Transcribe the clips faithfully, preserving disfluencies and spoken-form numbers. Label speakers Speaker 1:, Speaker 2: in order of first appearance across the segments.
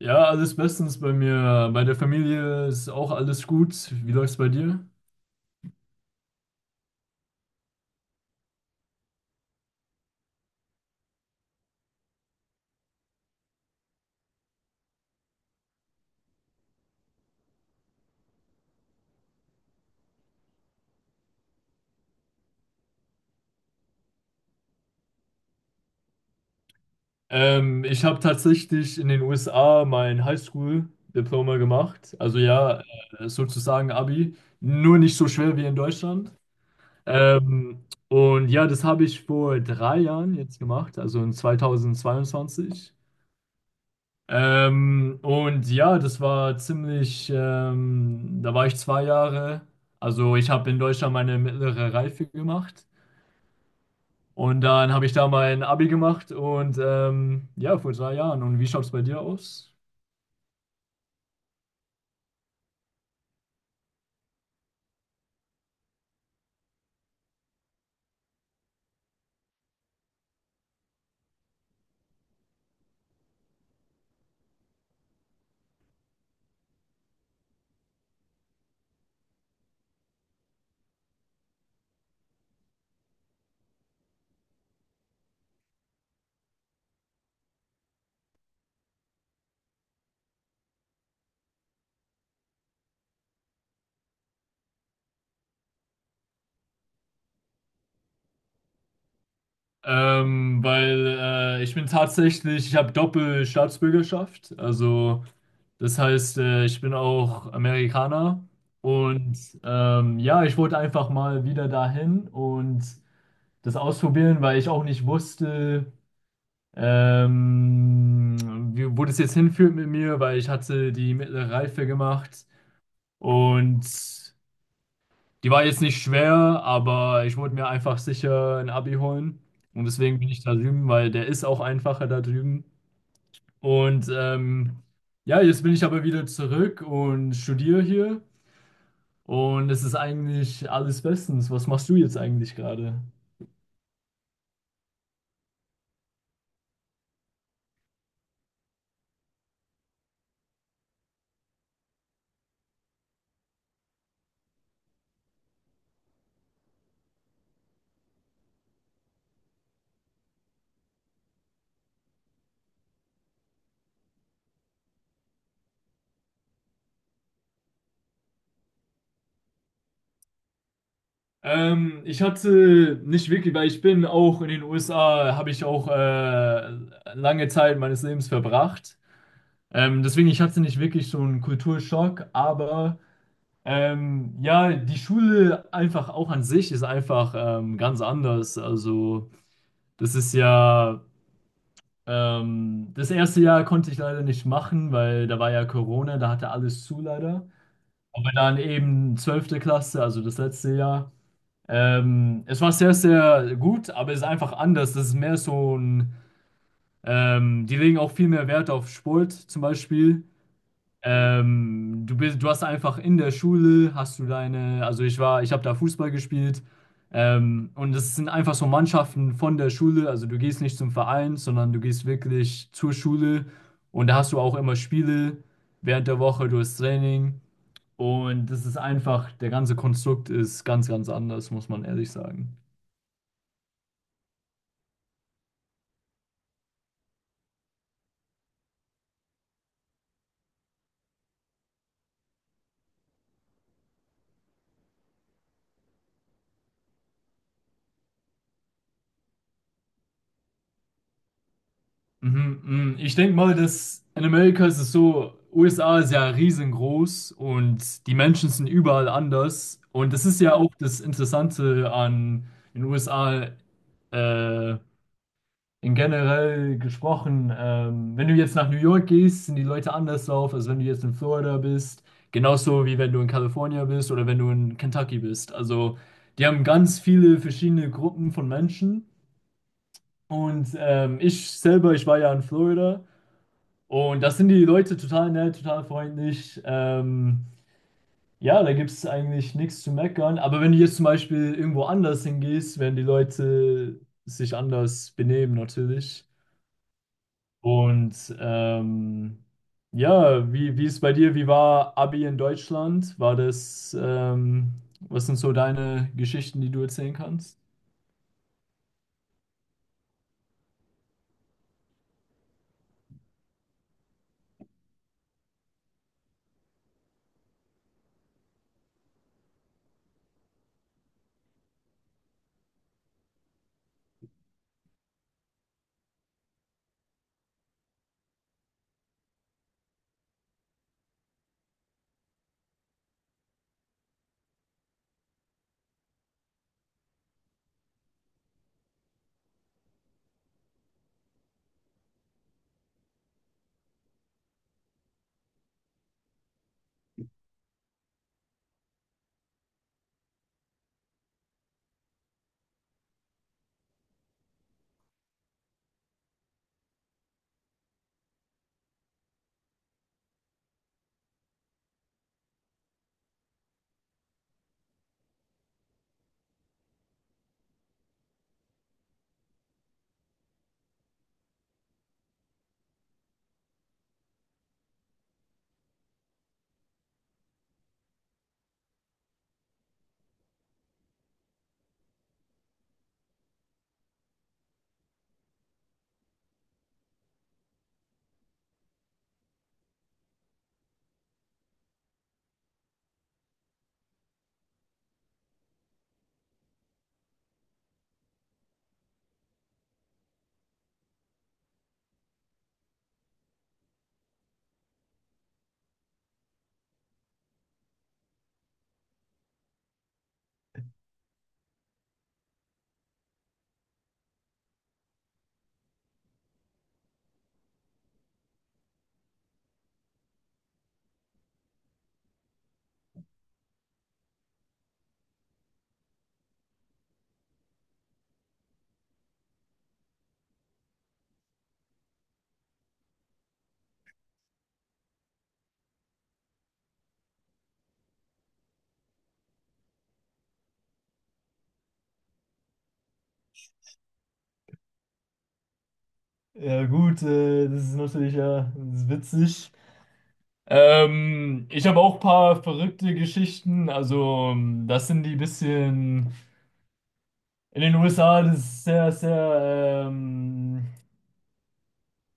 Speaker 1: Ja, alles bestens bei mir. Bei der Familie ist auch alles gut. Wie läuft's bei dir? Ähm, ich habe tatsächlich in den U S A mein Highschool-Diploma gemacht. Also ja, äh, sozusagen Abi. Nur nicht so schwer wie in Deutschland. Ähm, und ja, das habe ich vor drei Jahren jetzt gemacht, also in zwanzig zweiundzwanzig. Ähm, und ja, das war ziemlich, ähm, da war ich zwei Jahre. Also ich habe in Deutschland meine mittlere Reife gemacht. Und dann habe ich da mein Abi gemacht und ähm, ja, vor drei Jahren. Und wie schaut es bei dir aus? Ähm, weil äh, ich bin tatsächlich, ich habe Doppelstaatsbürgerschaft. Also das heißt, äh, ich bin auch Amerikaner. Und ähm, ja, ich wollte einfach mal wieder dahin und das ausprobieren, weil ich auch nicht wusste, ähm, wie, wo das jetzt hinführt mit mir, weil ich hatte die mittlere Reife gemacht. Und Die war jetzt nicht schwer, aber ich wollte mir einfach sicher ein Abi holen. Und deswegen bin ich da drüben, weil der ist auch einfacher da drüben. Und ähm, ja, jetzt bin ich aber wieder zurück und studiere hier. Und es ist eigentlich alles bestens. Was machst du jetzt eigentlich gerade? Ähm, ich hatte nicht wirklich, weil ich bin auch in den U S A, habe ich auch äh, lange Zeit meines Lebens verbracht. Ähm, deswegen, ich hatte nicht wirklich so einen Kulturschock, aber. Ähm, ja, die Schule einfach auch an sich ist einfach ähm, ganz anders. Also, das ist ja, ähm, das erste Jahr konnte ich leider nicht machen, weil da war ja Corona, da hatte alles zu leider. Aber dann eben zwölfte Klasse, also das letzte Jahr. Ähm, es war sehr, sehr gut, aber es ist einfach anders. Das ist mehr so ein, ähm, die legen auch viel mehr Wert auf Sport zum Beispiel. Ähm, du bist, du hast einfach in der Schule, hast du deine, also ich war, ich habe da Fußball gespielt. Ähm, und es sind einfach so Mannschaften von der Schule, also du gehst nicht zum Verein, sondern du gehst wirklich zur Schule und da hast du auch immer Spiele während der Woche, du hast Training und das ist einfach, der ganze Konstrukt ist ganz, ganz anders, muss man ehrlich sagen. Mhm, mhm. Ich denke mal, dass in Amerika ist es so, U S A ist ja riesengroß und die Menschen sind überall anders. Und das ist ja auch das Interessante an den U S A äh, in generell gesprochen. Ähm, wenn du jetzt nach New York gehst, sind die Leute anders drauf, als wenn du jetzt in Florida bist. Genauso wie wenn du in Kalifornien bist oder wenn du in Kentucky bist. Also die haben ganz viele verschiedene Gruppen von Menschen. Und ähm, ich selber, ich war ja in Florida. Und das sind die Leute total nett, total freundlich. Ähm, ja, da gibt es eigentlich nichts zu meckern. Aber wenn du jetzt zum Beispiel irgendwo anders hingehst, werden die Leute sich anders benehmen natürlich. Und ähm, ja, wie, wie ist bei dir? Wie war Abi in Deutschland? War das, ähm, was sind so deine Geschichten, die du erzählen kannst? Ja gut, äh, das ist natürlich ja das ist witzig. Ähm, ich habe auch ein paar verrückte Geschichten. Also, ähm, das sind die bisschen in den U S A, das ist sehr, sehr, ähm,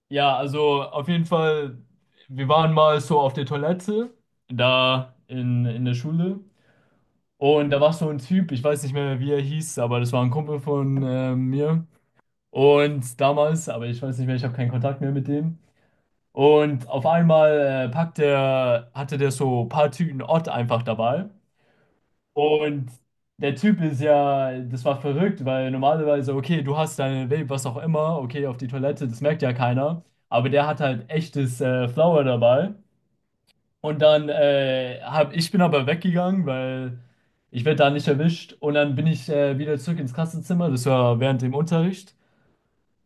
Speaker 1: ja, also auf jeden Fall, wir waren mal so auf der Toilette da in, in der Schule. Und da war so ein Typ, ich weiß nicht mehr, wie er hieß, aber das war ein Kumpel von äh, mir. Und damals, aber ich weiß nicht mehr, ich habe keinen Kontakt mehr mit dem. Und auf einmal äh, packt der, hatte der so ein paar Tüten Ott einfach dabei. Und der Typ ist ja, das war verrückt, weil normalerweise, okay, du hast deine Vape, was auch immer, okay, auf die Toilette, das merkt ja keiner. Aber der hat halt echtes äh, Flower dabei. Und dann äh, hab, ich bin aber weggegangen, weil ich werde da nicht erwischt. Und dann bin ich äh, wieder zurück ins Klassenzimmer, das war während dem Unterricht.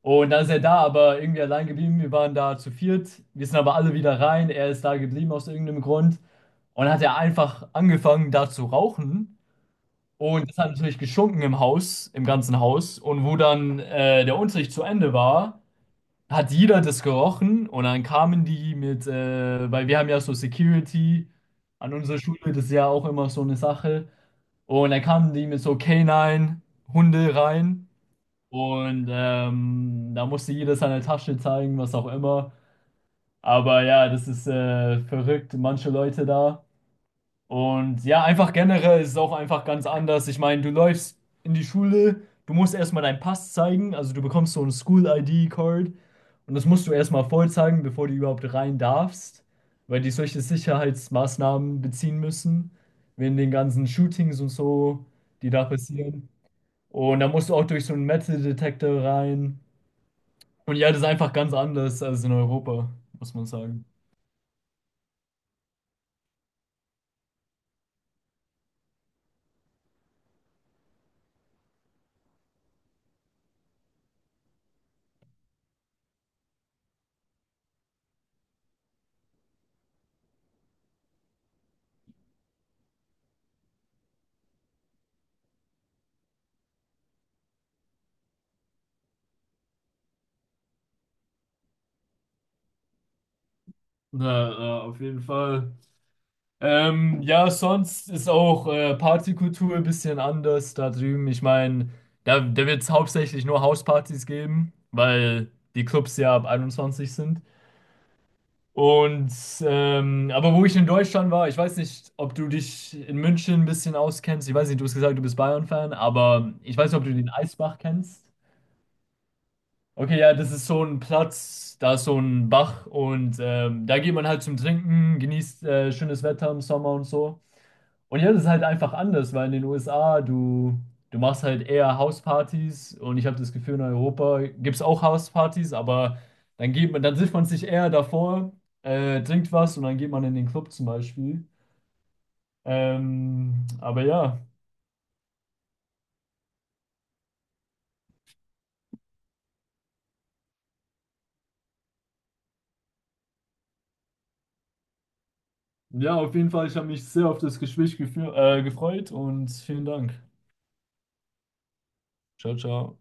Speaker 1: Und dann ist er da, aber irgendwie allein geblieben. Wir waren da zu viert. Wir sind aber alle wieder rein. Er ist da geblieben aus irgendeinem Grund. Und dann hat er einfach angefangen, da zu rauchen. Und das hat natürlich geschunken im Haus, im ganzen Haus. Und wo dann äh, der Unterricht zu Ende war, hat jeder das gerochen. Und dann kamen die mit, äh, weil wir haben ja so Security an unserer Schule, das ist ja auch immer so eine Sache. Und dann kamen die mit so k Canine-Hunde rein. Und ähm, da musste jeder seine Tasche zeigen, was auch immer. Aber ja, das ist äh, verrückt, manche Leute da. Und ja, einfach generell ist es auch einfach ganz anders. Ich meine, du läufst in die Schule, du musst erstmal deinen Pass zeigen, also du bekommst so ein School-I D-Card und das musst du erstmal voll zeigen, bevor du überhaupt rein darfst, weil die solche Sicherheitsmaßnahmen beziehen müssen, wegen den ganzen Shootings und so, die da passieren. Und da musst du auch durch so einen Metal-Detektor rein. Und ja, das ist einfach ganz anders als in Europa, muss man sagen. Na, na, auf jeden Fall. Ähm, ja, sonst ist auch äh, Partykultur ein bisschen anders da drüben. Ich meine, da, da wird es hauptsächlich nur Hauspartys geben, weil die Clubs ja ab einundzwanzig sind. Und ähm, aber wo ich in Deutschland war, ich weiß nicht, ob du dich in München ein bisschen auskennst. Ich weiß nicht, du hast gesagt, du bist Bayern-Fan, aber ich weiß nicht, ob du den Eisbach kennst. Okay, ja, das ist so ein Platz, da ist so ein Bach und ähm, da geht man halt zum Trinken, genießt äh, schönes Wetter im Sommer und so. Und hier ist es halt einfach anders, weil in den U S A du, du machst halt eher Hauspartys und ich habe das Gefühl, in Europa gibt es auch Hauspartys, aber dann geht man, dann trifft man sich eher davor, äh, trinkt was und dann geht man in den Club zum Beispiel. Ähm, aber ja, ja, auf jeden Fall, ich habe mich sehr auf das Gespräch gefü- äh, gefreut und vielen Dank. Ciao, ciao.